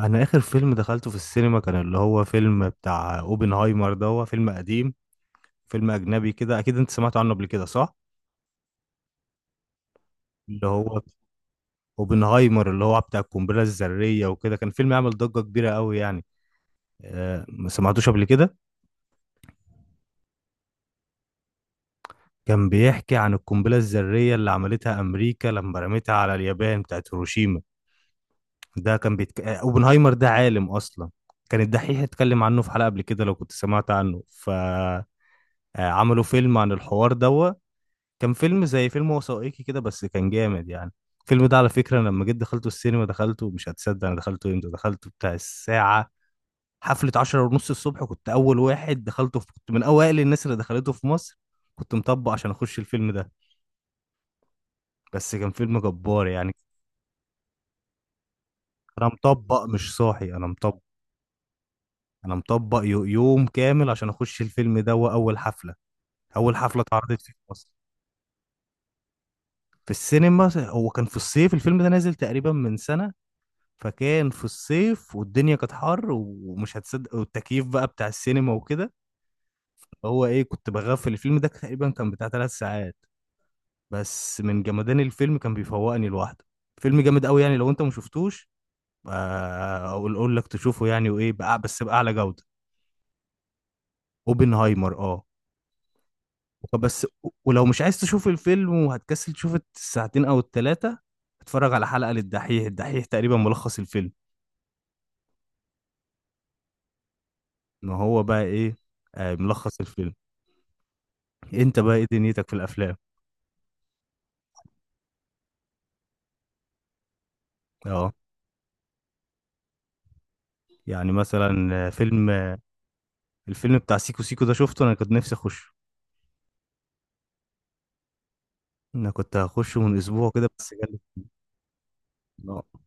انا اخر فيلم دخلته في السينما كان اللي هو فيلم بتاع اوبنهايمر. ده هو فيلم قديم، فيلم اجنبي كده. اكيد انت سمعت عنه قبل كده صح؟ اللي هو اوبنهايمر اللي هو بتاع القنبله الذريه وكده. كان فيلم عمل ضجه كبيره قوي يعني. ما سمعتوش قبل كده؟ كان بيحكي عن القنبله الذريه اللي عملتها امريكا لما رمتها على اليابان بتاعت هيروشيما. ده كان بيتك... آه، اوبنهايمر ده عالم اصلا. كان الدحيح اتكلم عنه في حلقه قبل كده لو كنت سمعت عنه. ف آه، عملوا فيلم عن الحوار ده. كان فيلم زي فيلم وثائقي كده بس كان جامد يعني. الفيلم ده على فكرة أنا لما جيت دخلته السينما دخلته، مش هتصدق أنا دخلته امتى، دخلته بتاع الساعة، حفلة عشرة ونص الصبح. كنت أول واحد دخلته في... كنت من أوائل الناس اللي دخلته في مصر. كنت مطبق عشان أخش الفيلم ده. بس كان فيلم جبار يعني. أنا مطبق مش صاحي، أنا مطبق. أنا مطبق يوم كامل عشان أخش الفيلم ده وأول حفلة، أول حفلة اتعرضت فيه في مصر في السينما. هو كان في الصيف، الفيلم ده نازل تقريبا من سنة، فكان في الصيف والدنيا كانت حر، ومش هتصدق والتكييف بقى بتاع السينما وكده، هو ايه، كنت بغفل. الفيلم ده تقريبا كان بتاع ثلاث ساعات بس من جمدان الفيلم كان بيفوقني لوحده. فيلم جامد قوي يعني، لو انت ما شفتوش، اقول لك تشوفه يعني، وايه بقى بس بأعلى جودة. اوبنهايمر، اه. بس ولو مش عايز تشوف الفيلم وهتكسل تشوف الساعتين او الثلاثة، اتفرج على حلقة للدحيح، الدحيح تقريبا ملخص الفيلم. ان هو بقى ايه، ملخص الفيلم. انت بقى ايه دنيتك في الافلام؟ اه. يعني مثلا فيلم، الفيلم بتاع سيكو سيكو ده، شفته؟ انا كنت نفسي اخش، انا كنت هخشه من اسبوع كده بس جالي. اه،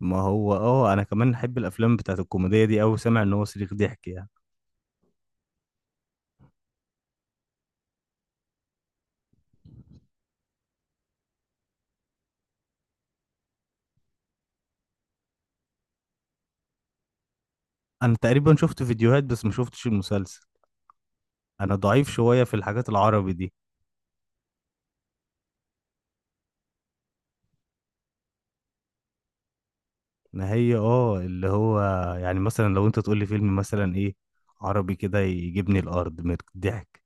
ما هو اه انا كمان احب الافلام بتاعت الكوميديا دي اوي، سامع ان هو صريخ ضحك يعني. انا تقريبا شفت فيديوهات بس ما شفتش المسلسل. انا ضعيف شويه في الحاجات العربي دي. ما هي اه، اللي هو، يعني مثلا لو انت تقول لي فيلم مثلا ايه عربي كده يجيبني الارض من الضحك.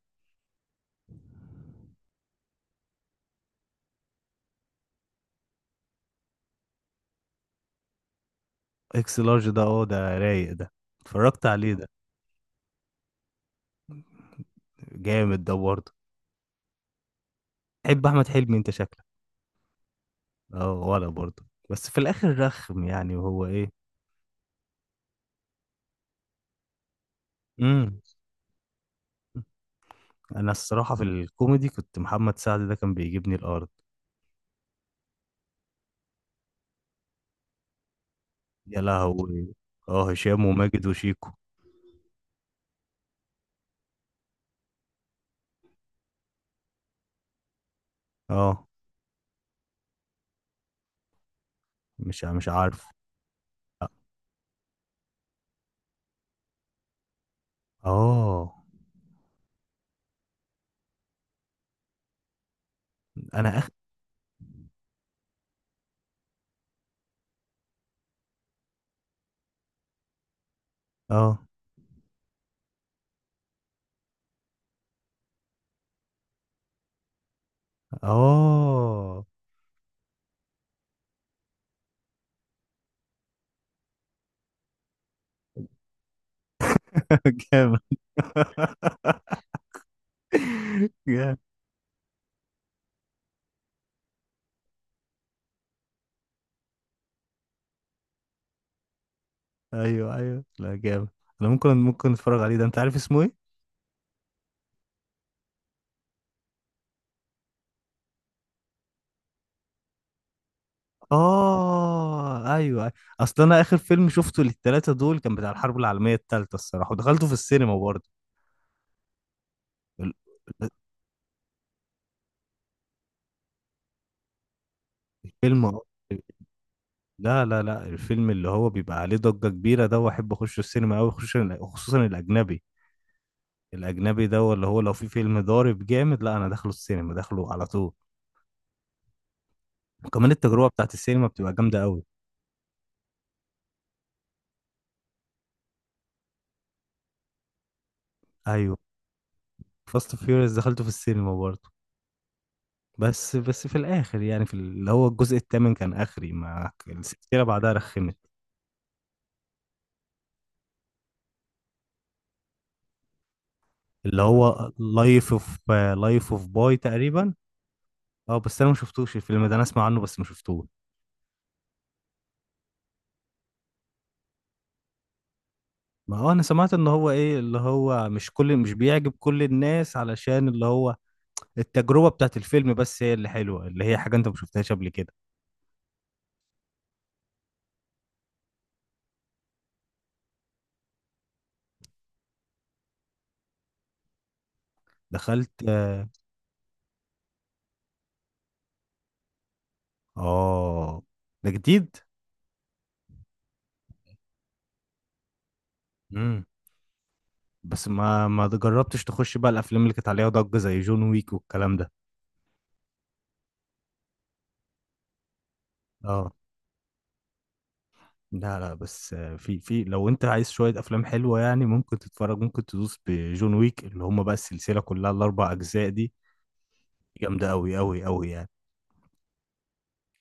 اكس لارج، ده اه ده رايق ده، اتفرجت عليه ده. جامد ده برضه. تحب احمد حلمي انت شكلك؟ اه ولا برضه، بس في الاخر رخم يعني. وهو ايه، امم انا الصراحه في الكوميدي كنت محمد سعد ده كان بيجيبني الارض. يا لهوي، اه، هشام وماجد وشيكو. اه. مش عارف. اه. انا اخ، اه، اه. جامد. جامد، ايوه ايوه، لا جامد. انا ممكن اتفرج عليه ده، انت عارف اسمه ايه؟ اه، أيوه. اصل انا اخر فيلم شفته للتلاتة دول كان بتاع الحرب العالمية التالتة الصراحة، ودخلته في السينما برضه. ال- الفيلم آه، لا لا لا، الفيلم اللي هو بيبقى عليه ضجة كبيرة ده، واحب اخش السينما قوي، خصوصا خصوصا الاجنبي. الاجنبي ده اللي هو لو في فيلم ضارب جامد، لا انا داخله السينما، داخله على طول. وكمان التجربة بتاعت السينما بتبقى جامدة قوي. ايوه. فاست فيوريوس دخلته في السينما برضه. بس في الاخر يعني في اللي هو الجزء الثامن كان اخري ما السلسلة بعدها رخمت. اللي هو لايف اوف، لايف اوف باي تقريبا. اه بس انا ما شفتوش الفيلم ده، انا اسمع عنه بس ما شفتوش. ما اه انا سمعت ان هو ايه، اللي هو مش بيعجب كل الناس علشان اللي هو التجربة بتاعت الفيلم بس هي اللي حلوة، اللي هي حاجة انت ما شفتهاش قبل كده. دخلت، اه. آه، ده جديد؟ امم بس ما جربتش تخش بقى الافلام اللي كانت عليها ضجة زي جون ويك والكلام ده؟ اه. لا لا، بس في في، لو انت عايز شوية افلام حلوة يعني، ممكن تتفرج، ممكن تدوس بجون ويك، اللي هم بقى السلسلة كلها الاربع اجزاء دي جامدة اوي اوي اوي يعني.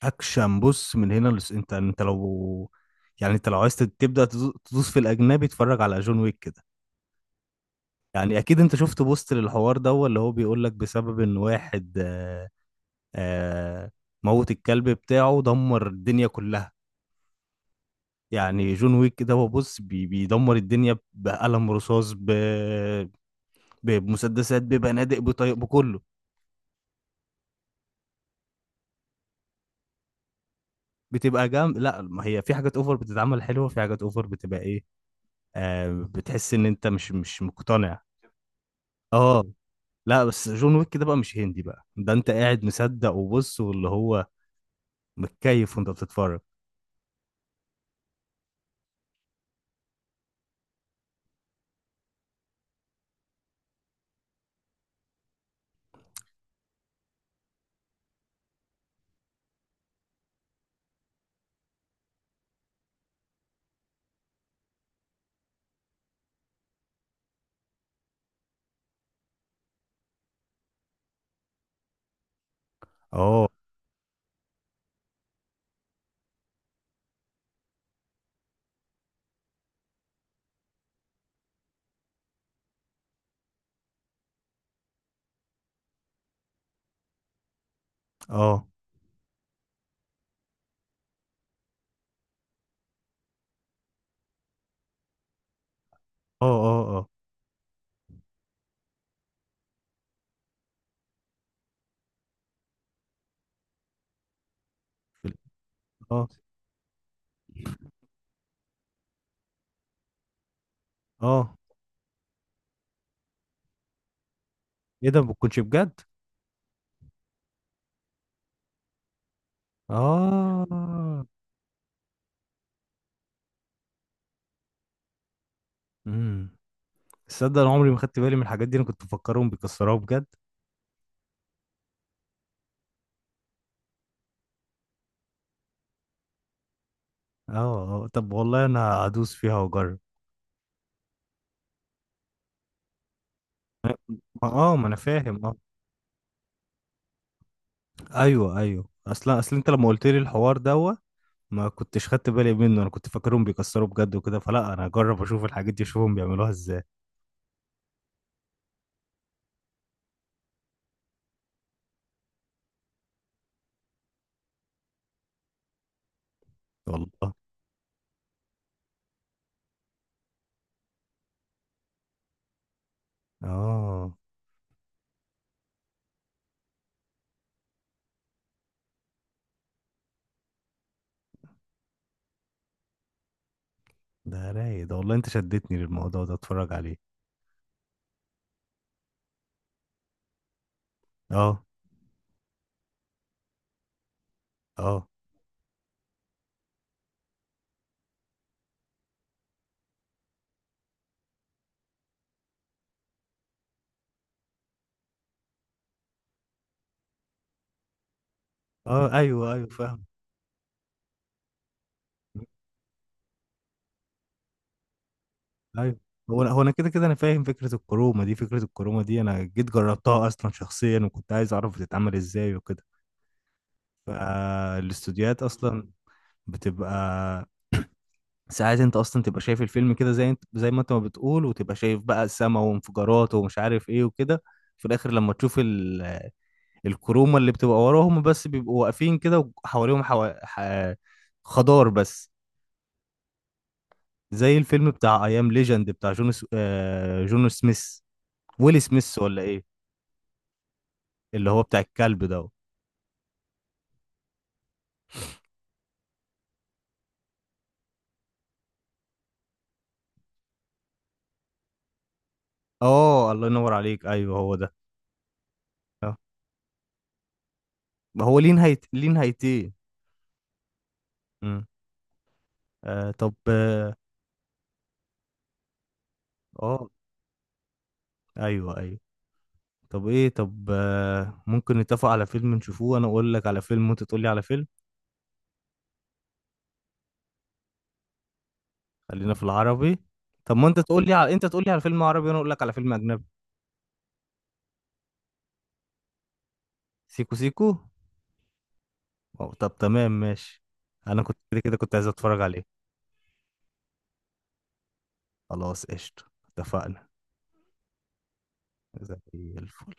اكشن. بص، من هنا لس انت، انت لو، يعني انت لو عايز تبدأ تدوس في الاجنبي اتفرج على جون ويك كده. يعني اكيد انت شفت بوست للحوار ده، هو اللي هو بيقول لك بسبب ان واحد، آه موت الكلب بتاعه دمر الدنيا كلها. يعني جون ويك ده هو، بص، بيدمر الدنيا بقلم رصاص، بمسدسات، ببنادق، بطيق، بكله. بتبقى جام، لا ما هي في حاجات اوفر بتتعمل حلوه، في حاجات اوفر بتبقى ايه، آه بتحس ان انت مش مقتنع. اه، لا بس جون ويك ده بقى مش هندي بقى ده، انت قاعد مصدق وبص واللي هو متكيف وانت بتتفرج. اه. اه. اه. اه. اه. اه. اه. ايه ده، ما بتكونش بجد؟ اه. امم تصدق انا عمري ما خدت بالي من الحاجات دي، انا كنت مفكرهم بيكسروها بجد. اه. اه طب والله انا هدوس فيها واجرب. ما انا فاهم. ايوه ايوه، اصلا اصل انت لما قلت لي الحوار دوت ما كنتش خدت بالي منه، انا كنت فاكرهم بيكسروا بجد وكده، فلا انا هجرب اشوف الحاجات دي، اشوفهم بيعملوها ازاي. والله. اه. ده رايق ده والله، انت شدتني للموضوع ده، اتفرج عليه. اه. اه. اه. ايوه ايوه فاهم. ايوه. هو انا كده انا فاهم فكره الكرومه دي، فكره الكرومه دي انا جيت جربتها اصلا شخصيا وكنت عايز اعرف بتتعمل ازاي وكده. فالاستوديوهات اصلا بتبقى، ساعات انت اصلا تبقى شايف الفيلم كده زي انت زي ما انت ما بتقول، وتبقى شايف بقى السما وانفجارات ومش عارف ايه وكده، في الاخر لما تشوف ال... الكرومه اللي بتبقى وراهم بس بيبقوا واقفين كده وحواليهم حو... ح... خضار بس. زي الفيلم بتاع ايام ليجند بتاع جون س... جون سميث، ويل سميث ولا ايه؟ اللي هو بتاع الكلب ده. اه، الله ينور عليك، ايوه هو ده. آه. هو ليه ليه نهايتين؟ مم. طب، اه. آه، ايوه ايوه. طب ايه، طب ممكن نتفق على فيلم نشوفوه، انا اقول لك على فيلم وانت تقول لي على فيلم. خلينا في العربي. طب ما انت تقول لي على، انت تقول لي على فيلم عربي وانا اقول لك على فيلم اجنبي. سيكو سيكو. أو طب تمام ماشي، انا كنت كده كده كنت عايز اتفرج عليه. خلاص قشطة، اتفقنا. زي الفل.